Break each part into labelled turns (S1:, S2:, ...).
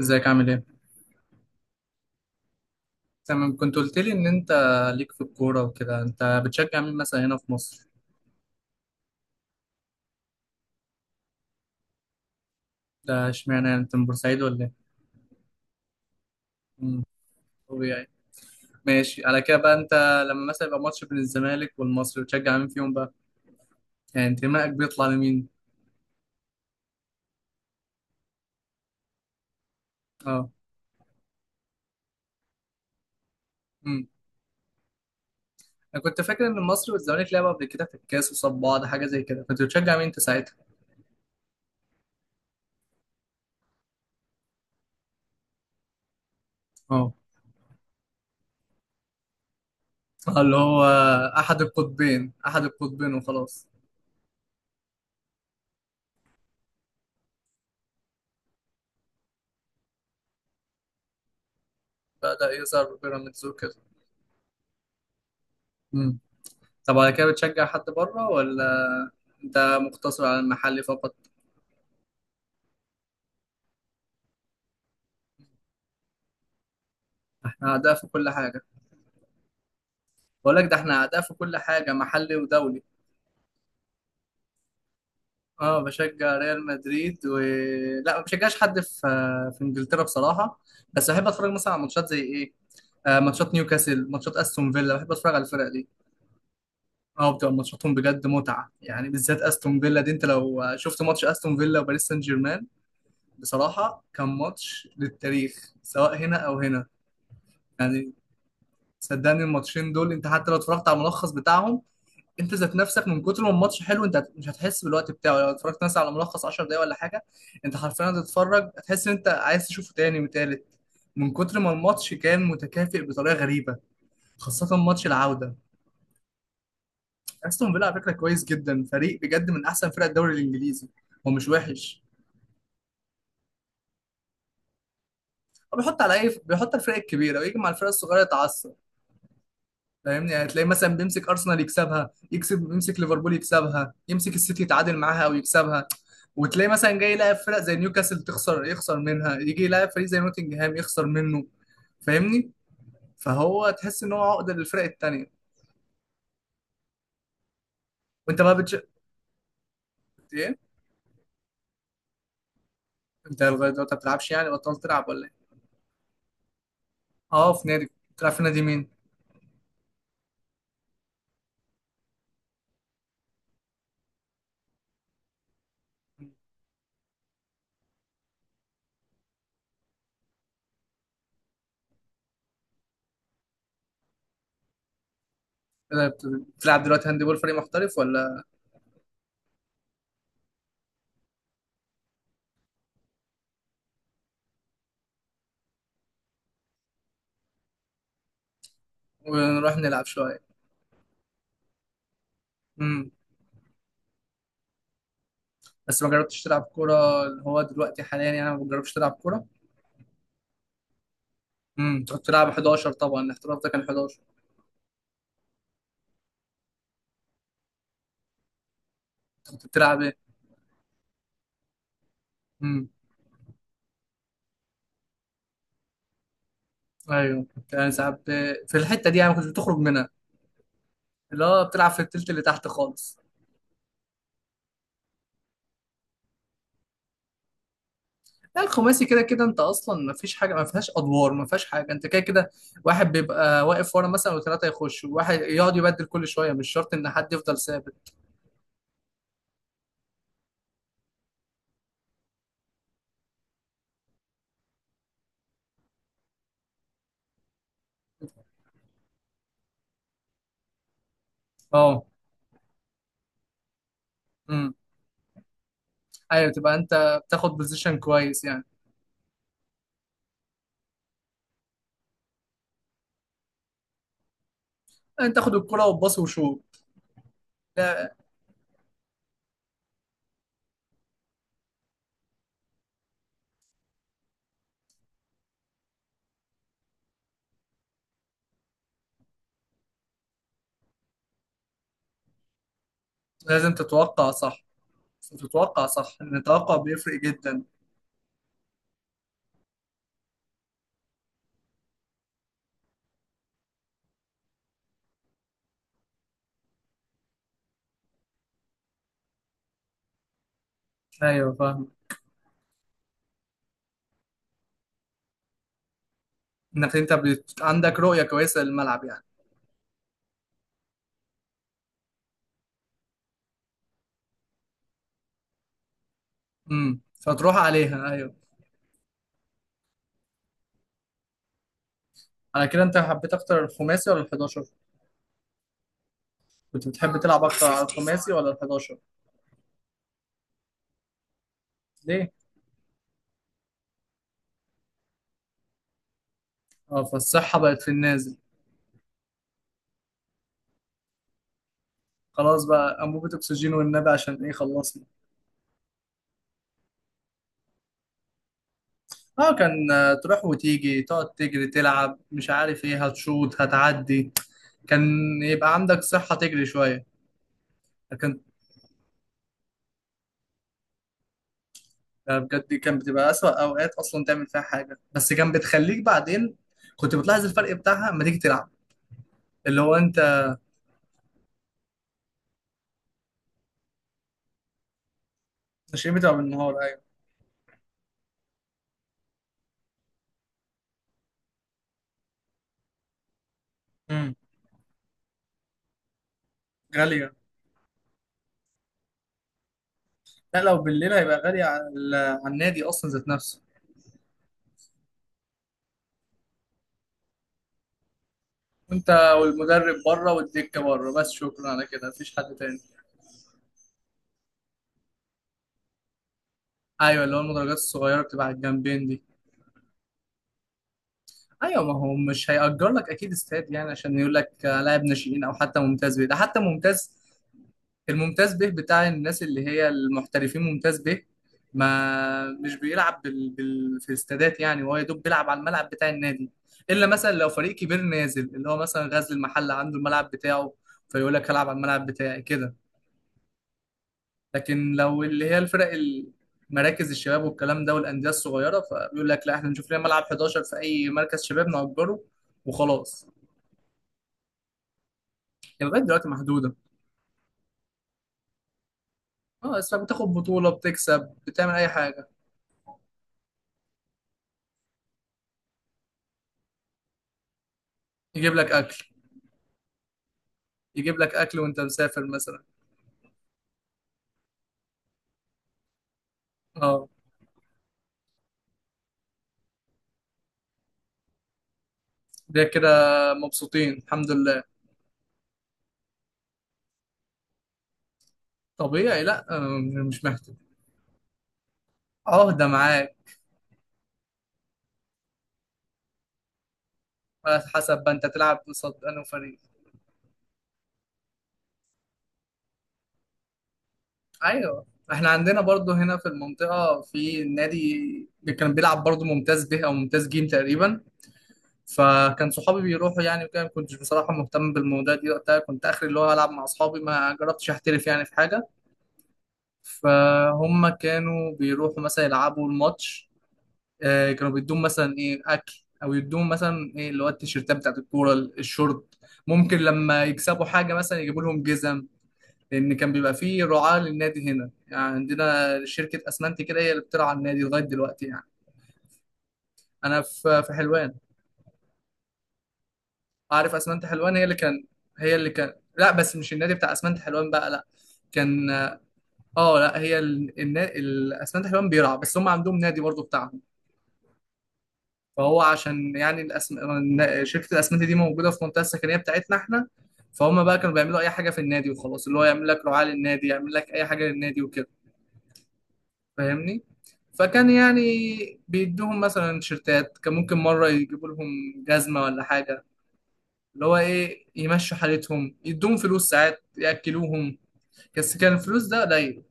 S1: ازيك عامل ايه؟ تمام، كنت قلت لي ان انت ليك في الكورة وكده، انت بتشجع مين مثلا هنا في مصر؟ ده اشمعنى، يعني انت من بورسعيد ولا ايه؟ امم طبيعي. ماشي على كده بقى، انت لما مثلا يبقى ماتش بين الزمالك والمصري بتشجع مين فيهم بقى؟ يعني انتمائك بيطلع لمين؟ اه. امم انا كنت فاكر ان المصري والزمالك لعبوا قبل كده في الكاس وصاب بعض حاجة زي كده، كنت بتشجع مين انت ساعتها؟ اه، اللي هو. احد القطبين، احد القطبين وخلاص. بدأ يظهر بيراميدز وكده. طب على كده بتشجع حد بره ولا انت مقتصر على المحلي فقط؟ احنا اعداء في كل حاجه. بقول لك، ده احنا اعداء في كل حاجه، محلي ودولي. اه بشجع ريال مدريد و... لا ما بشجعش حد في انجلترا بصراحه. بس بحب اتفرج مثلا على ماتشات زي ايه، آه ماتشات نيوكاسل، ماتشات استون فيلا، بحب اتفرج على الفرق دي. اه بتبقى ماتشاتهم بجد متعه، يعني بالذات استون فيلا دي، انت لو شفت ماتش استون فيلا وباريس سان جيرمان، بصراحه كان ماتش للتاريخ سواء هنا او هنا. يعني صدقني الماتشين دول انت حتى لو اتفرجت على الملخص بتاعهم، انت ذات نفسك من كتر ما الماتش حلو، انت مش هتحس بالوقت بتاعه لو اتفرجت مثلا على ملخص 10 دقايق ولا حاجه. انت حرفيا هتتفرج، هتحس ان انت عايز تشوفه تاني وتالت، من كتر ما الماتش كان متكافئ بطريقه غريبه، خاصه ماتش العوده. استون فيلا على فكره كويس جدا، فريق بجد من احسن فرق الدوري الانجليزي. هو مش وحش، هو بيحط على اي بيحط على الفرق الكبيره ويجي مع الفرق الصغيره يتعصب. فاهمني؟ يعني تلاقي مثلا بيمسك ارسنال يكسبها، يكسب يمسك ليفربول يكسبها، يمسك السيتي يتعادل معاها او يكسبها. وتلاقي مثلا جاي يلاعب فرق زي نيوكاسل تخسر، يخسر منها، يجي يلاعب فريق زي نوتنجهام يخسر منه. فاهمني؟ فهو تحس ان هو عقده للفرق التانية. وانت بقى ايه؟ انت لغايه دلوقتي ما بتلعبش يعني، بطلت تلعب ولا ايه؟ اه في نادي. بتلعب في نادي مين؟ بت- بتلعب دلوقتي هاند بول فريق محترف ولا؟ ونروح نلعب شويه. امم. بس ما جربتش تلعب كوره اللي هو دلوقتي حاليا، يعني ما بجربش تلعب كوره؟ انت كنت بتلعب 11 طبعا، الاحتراف ده كان 11. انت كنت بتلعب ايه؟ امم. ايوه كنت انا ساعات في الحته دي، يعني ما كنتش بتخرج منها، اللي هو بتلعب في التلت اللي تحت خالص. لا الخماسي كده كده انت اصلا ما فيش حاجه، ما فيهاش ادوار، ما فيهاش حاجه، انت كده كده. واحد بيبقى واقف ورا مثلا، وثلاثه يخشوا، واحد يقعد يبدل كل شويه، مش شرط ان حد يفضل ثابت. اه. امم. ايوه، تبقى انت بتاخد بوزيشن كويس يعني. انت تاخد الكره وتباص وشوط. لا لازم تتوقع صح، تتوقع صح، ان التوقع بيفرق جدا. ايوه فاهم. انك انت عندك رؤية كويسة للملعب يعني. فتروح عليها، ايوه. على كده انت حبيت اكتر الخماسي ولا ال11؟ كنت بتحب تلعب اكتر على الخماسي ولا ال11؟ ليه؟ اه، فالصحة بقت في النازل. خلاص بقى، انبوبة اكسجين والنبي عشان ايه، خلصنا. اه كان، تروح وتيجي تقعد تجري تلعب مش عارف ايه هتشوط هتعدي. كان يبقى عندك صحة تجري شوية. لكن بجد كان بتبقى أسوأ أوقات أصلا تعمل فيها حاجة، بس كان بتخليك بعدين كنت بتلاحظ الفرق بتاعها لما تيجي تلعب. اللي هو انت التشريح بتبقى بالنهار، ايوه. امم. غالية. لا لو بالليل هيبقى غالي على على النادي اصلا ذات نفسه. وانت، والمدرب بره والدكة بره بس، شكرا على كده مفيش حد تاني. ايوه اللي هو المدرجات الصغيرة بتبقى على الجنبين دي. ايوه، ما هو مش هيأجر لك اكيد استاد، يعني عشان يقول لك لاعب ناشئين او حتى ممتاز بيه ده، حتى ممتاز. الممتاز به بتاع الناس اللي هي المحترفين ممتاز به، ما مش بيلعب في الاستادات، يعني هو يا دوب بيلعب على الملعب بتاع النادي. الا مثلا لو فريق كبير نازل، اللي هو مثلا غزل المحل عنده الملعب بتاعه، فيقول لك هلعب على الملعب بتاعي كده. لكن لو اللي هي مراكز الشباب والكلام ده والانديه الصغيره، فبيقول لك لا، احنا نشوف لنا ملعب 11 في اي مركز شباب نأجره وخلاص. يعني لغايه دلوقتي محدوده. اه بس بتاخد بطوله، بتكسب، بتعمل اي حاجه. يجيب لك اكل. يجيب لك اكل وانت مسافر مثلا. اه. ده كده مبسوطين الحمد لله. طبيعي، لا آه، مش محتاج، عهدة معاك. على حسب بقى انت تلعب قصاد انه فريق. ايوه احنا عندنا برضو هنا في المنطقة في نادي، اللي كان بيلعب برضو ممتاز به او ممتاز جيم تقريبا. فكان صحابي بيروحوا يعني وكده، ما كنتش بصراحة مهتم بالموضوع دي وقتها، كنت اخري اللي هو العب مع اصحابي، ما جربتش احترف يعني في حاجة. فهم كانوا بيروحوا مثلا يلعبوا الماتش، كانوا بيدوهم مثلا ايه اكل، او يدوهم مثلا ايه اللي هو التيشيرتات بتاعت الكوره، الشورت. ممكن لما يكسبوا حاجه مثلا يجيبوا لهم جزم. لان كان بيبقى فيه رعاه للنادي هنا، يعني عندنا شركه اسمنتي كده هي اللي بترعى النادي لغايه دلوقتي يعني. انا في حلوان. عارف اسمنتي حلوان هي اللي كان، هي اللي كان. لا بس مش النادي بتاع اسمنتي حلوان بقى، لا. كان، اه لا، هي الاسمنتي حلوان بيرعى بس، هم عندهم نادي برضه بتاعهم. فهو عشان يعني شركة الأسمنت دي موجودة في المنطقة السكنية بتاعتنا احنا. فهم بقى كانوا بيعملوا أي حاجة في النادي وخلاص، اللي هو يعمل لك رعاة للنادي، يعمل لك أي حاجة للنادي وكده. فاهمني؟ فكان يعني بيدوهم مثلا تيشيرتات، كان ممكن مرة يجيبوا لهم جزمة ولا حاجة، اللي هو إيه يمشوا حالتهم، يدوهم فلوس ساعات، يأكلوهم. بس كان الفلوس ده قليل.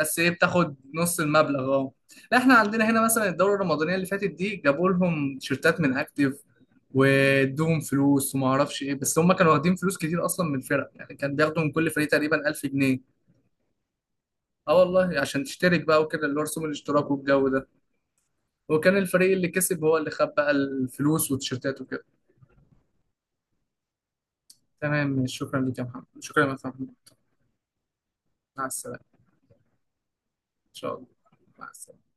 S1: بس ايه بتاخد نص المبلغ، اه. لا احنا عندنا هنا مثلا الدوره الرمضانيه اللي فاتت دي جابوا لهم تيشيرتات من اكتيف، وادوهم فلوس وما اعرفش ايه، بس هم كانوا واخدين فلوس كتير اصلا من الفرق، يعني كان بياخدوا من كل فريق تقريبا 1000 جنيه. اه والله، عشان تشترك بقى وكده اللي هو رسوم الاشتراك والجو ده. وكان الفريق اللي كسب هو اللي خد بقى الفلوس والتيشيرتات وكده. تمام، شكرا لك يا محمد، شكرا لك يا محمد. مع السلامه. ان شاء الله. مع السلامه.